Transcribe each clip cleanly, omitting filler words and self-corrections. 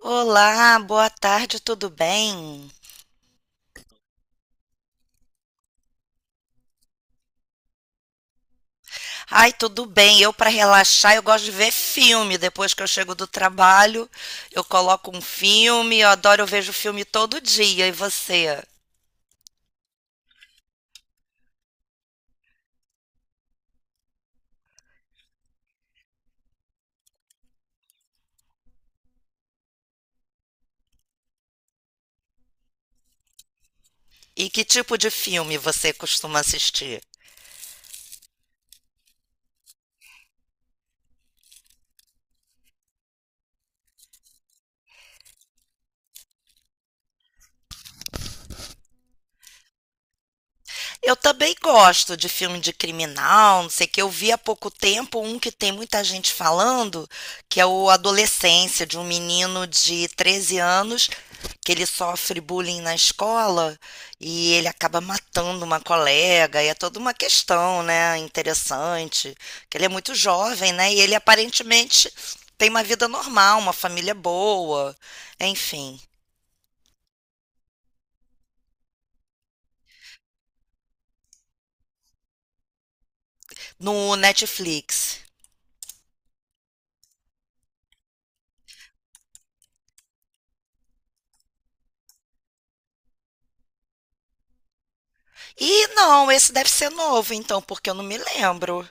Olá, boa tarde, tudo bem? Ai, tudo bem. Eu, para relaxar, eu gosto de ver filme. Depois que eu chego do trabalho, eu coloco um filme. Eu adoro, eu vejo filme todo dia. E você? E que tipo de filme você costuma assistir? Eu também gosto de filme de criminal, não sei o que. Eu vi há pouco tempo um que tem muita gente falando, que é o Adolescência, de um menino de 13 anos, que ele sofre bullying na escola e ele acaba matando uma colega, e é toda uma questão, né, interessante, que ele é muito jovem, né, e ele aparentemente tem uma vida normal, uma família boa, enfim, no Netflix. E não, esse deve ser novo, então, porque eu não me lembro.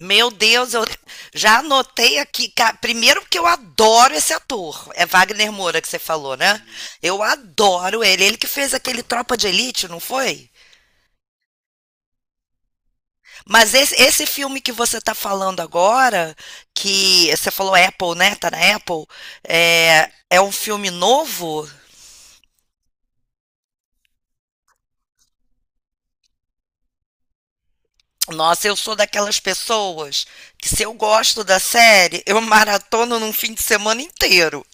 Meu Deus, eu já anotei aqui. Primeiro que eu adoro esse ator. É Wagner Moura que você falou, né? Eu adoro ele. Ele que fez aquele Tropa de Elite, não foi? Mas esse filme que você está falando agora, que você falou Apple, né? Tá na Apple. É, é um filme novo? Nossa, eu sou daquelas pessoas que se eu gosto da série, eu maratono num fim de semana inteiro.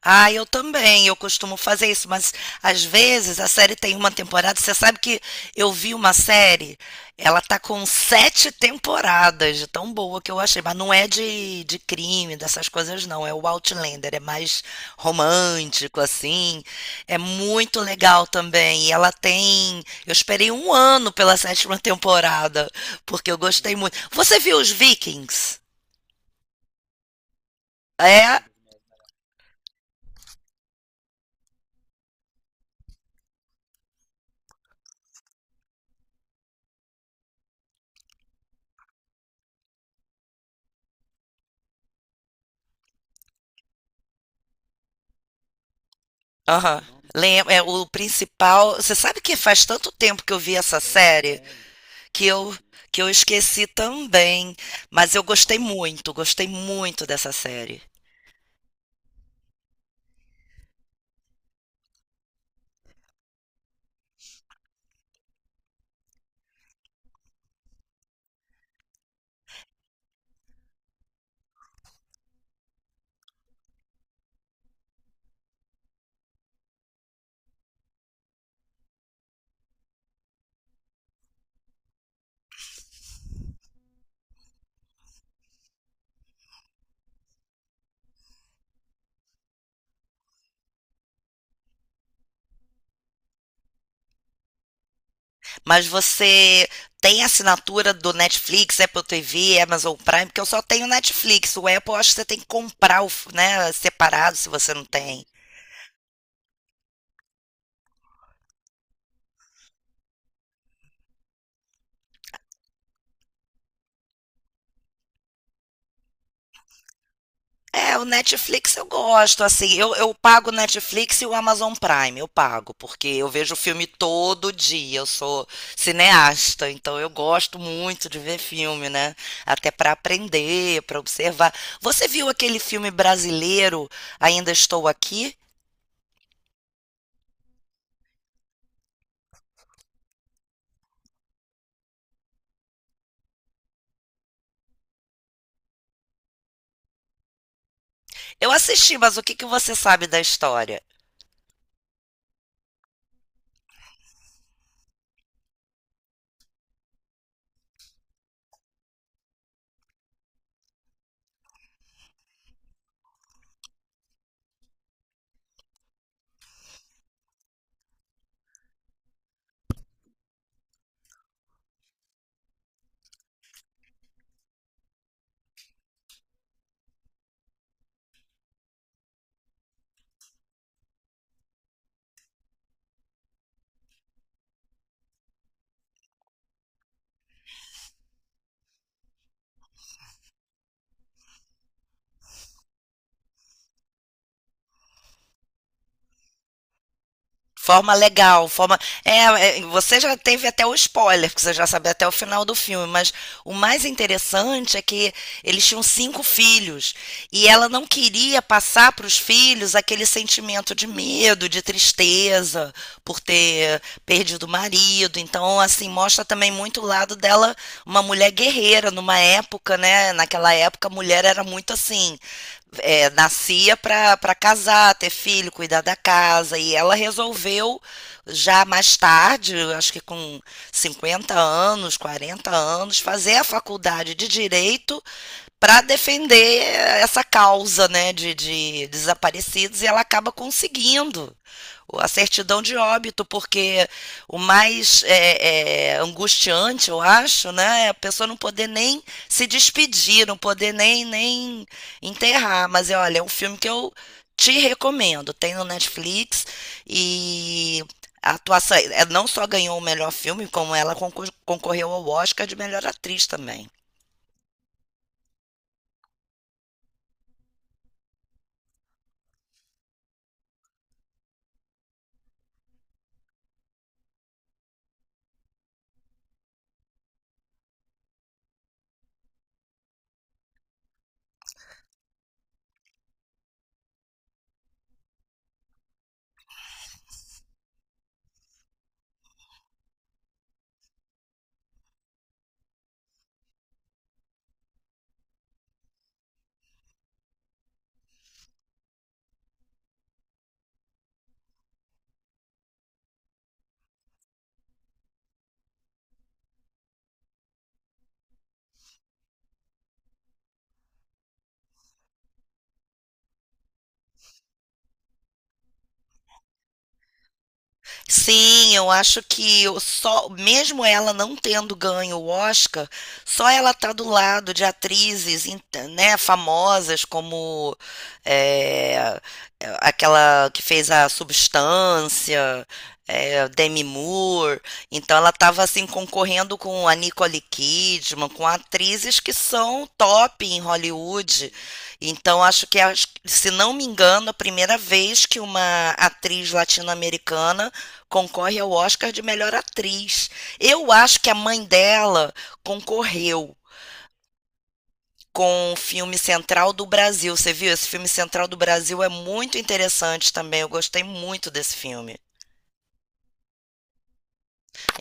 Ah, eu também, eu costumo fazer isso, mas às vezes a série tem uma temporada. Você sabe que eu vi uma série, ela tá com sete temporadas, de tão boa que eu achei, mas não é de crime, dessas coisas, não. É o Outlander, é mais romântico, assim. É muito legal também. E ela tem. Eu esperei um ano pela sétima temporada, porque eu gostei muito. Você viu os Vikings? É, aham. É o principal. Você sabe que faz tanto tempo que eu vi essa série que eu que eu esqueci também, mas eu gostei muito dessa série. Mas você tem assinatura do Netflix, Apple TV, Amazon Prime, porque eu só tenho Netflix. O Apple eu acho que você tem que comprar, né, separado se você não tem. É, o Netflix eu gosto, assim, eu pago o Netflix e o Amazon Prime, eu pago, porque eu vejo filme todo dia, eu sou cineasta, então eu gosto muito de ver filme, né? Até para aprender, para observar. Você viu aquele filme brasileiro, Ainda Estou Aqui? Eu assisti, mas o que que você sabe da história? Forma legal, forma. É, você já teve até o spoiler, porque você já sabe até o final do filme, mas o mais interessante é que eles tinham cinco filhos e ela não queria passar para os filhos aquele sentimento de medo, de tristeza por ter perdido o marido. Então, assim, mostra também muito o lado dela, uma mulher guerreira numa época, né? Naquela época a mulher era muito assim, é, nascia para casar, ter filho, cuidar da casa. E ela resolveu, já mais tarde, eu acho que com 50 anos, 40 anos, fazer a faculdade de Direito para defender essa causa né, de desaparecidos e ela acaba conseguindo a certidão de óbito, porque o mais é, angustiante, eu acho, né, é a pessoa não poder nem se despedir, não poder nem enterrar. Mas é, olha, é um filme que eu te recomendo. Tem no Netflix e a atuação ela não só ganhou o melhor filme, como ela concorreu ao Oscar de melhor atriz também. Sim, eu acho que eu só, mesmo ela não tendo ganho o Oscar, só ela tá do lado de atrizes, né, famosas como é, aquela que fez a Substância, é, Demi Moore. Então ela estava assim concorrendo com a Nicole Kidman, com atrizes que são top em Hollywood. Então se não me engano, a primeira vez que uma atriz latino-americana concorre ao Oscar de melhor atriz. Eu acho que a mãe dela concorreu com o filme Central do Brasil. Você viu? Esse filme Central do Brasil é muito interessante também. Eu gostei muito desse filme.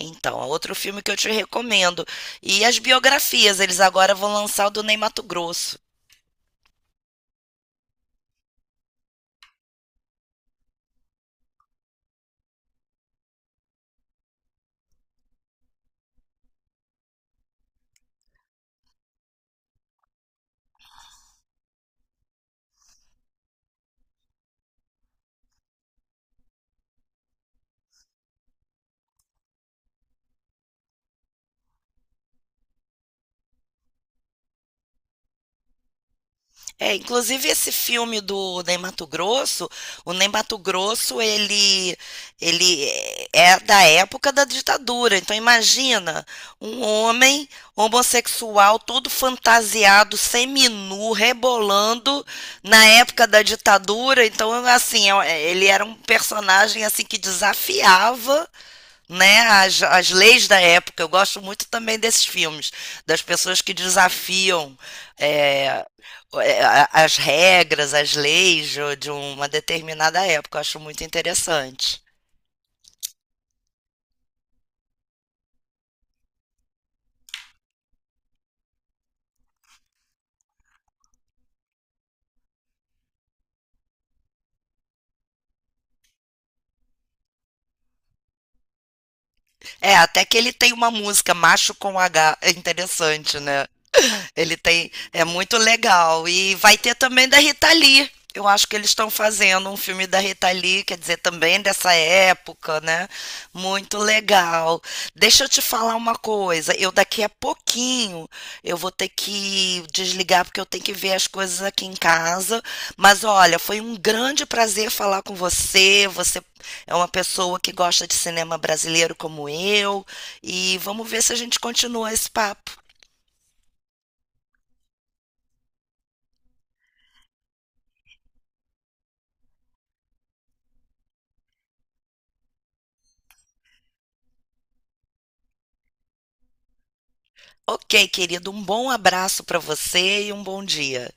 Então, é outro filme que eu te recomendo. E as biografias, eles agora vão lançar o do Ney Matogrosso. É, inclusive esse filme do Ney Mato Grosso, o Ney Mato Grosso, ele é da época da ditadura. Então imagina um homem homossexual todo fantasiado, seminu, rebolando na época da ditadura. Então assim, é, ele era um personagem assim que desafiava né, as leis da época. Eu gosto muito também desses filmes, das pessoas que desafiam é, as regras, as leis de uma determinada época. Eu acho muito interessante. É, até que ele tem uma música, Macho com H, é interessante, né? Ele tem, é muito legal. E vai ter também da Rita Lee. Eu acho que eles estão fazendo um filme da Rita Lee, quer dizer, também dessa época, né? Muito legal. Deixa eu te falar uma coisa. Eu daqui a pouquinho eu vou ter que desligar porque eu tenho que ver as coisas aqui em casa. Mas olha, foi um grande prazer falar com você. Você é uma pessoa que gosta de cinema brasileiro como eu, e vamos ver se a gente continua esse papo. Ok, querido, um bom abraço para você e um bom dia.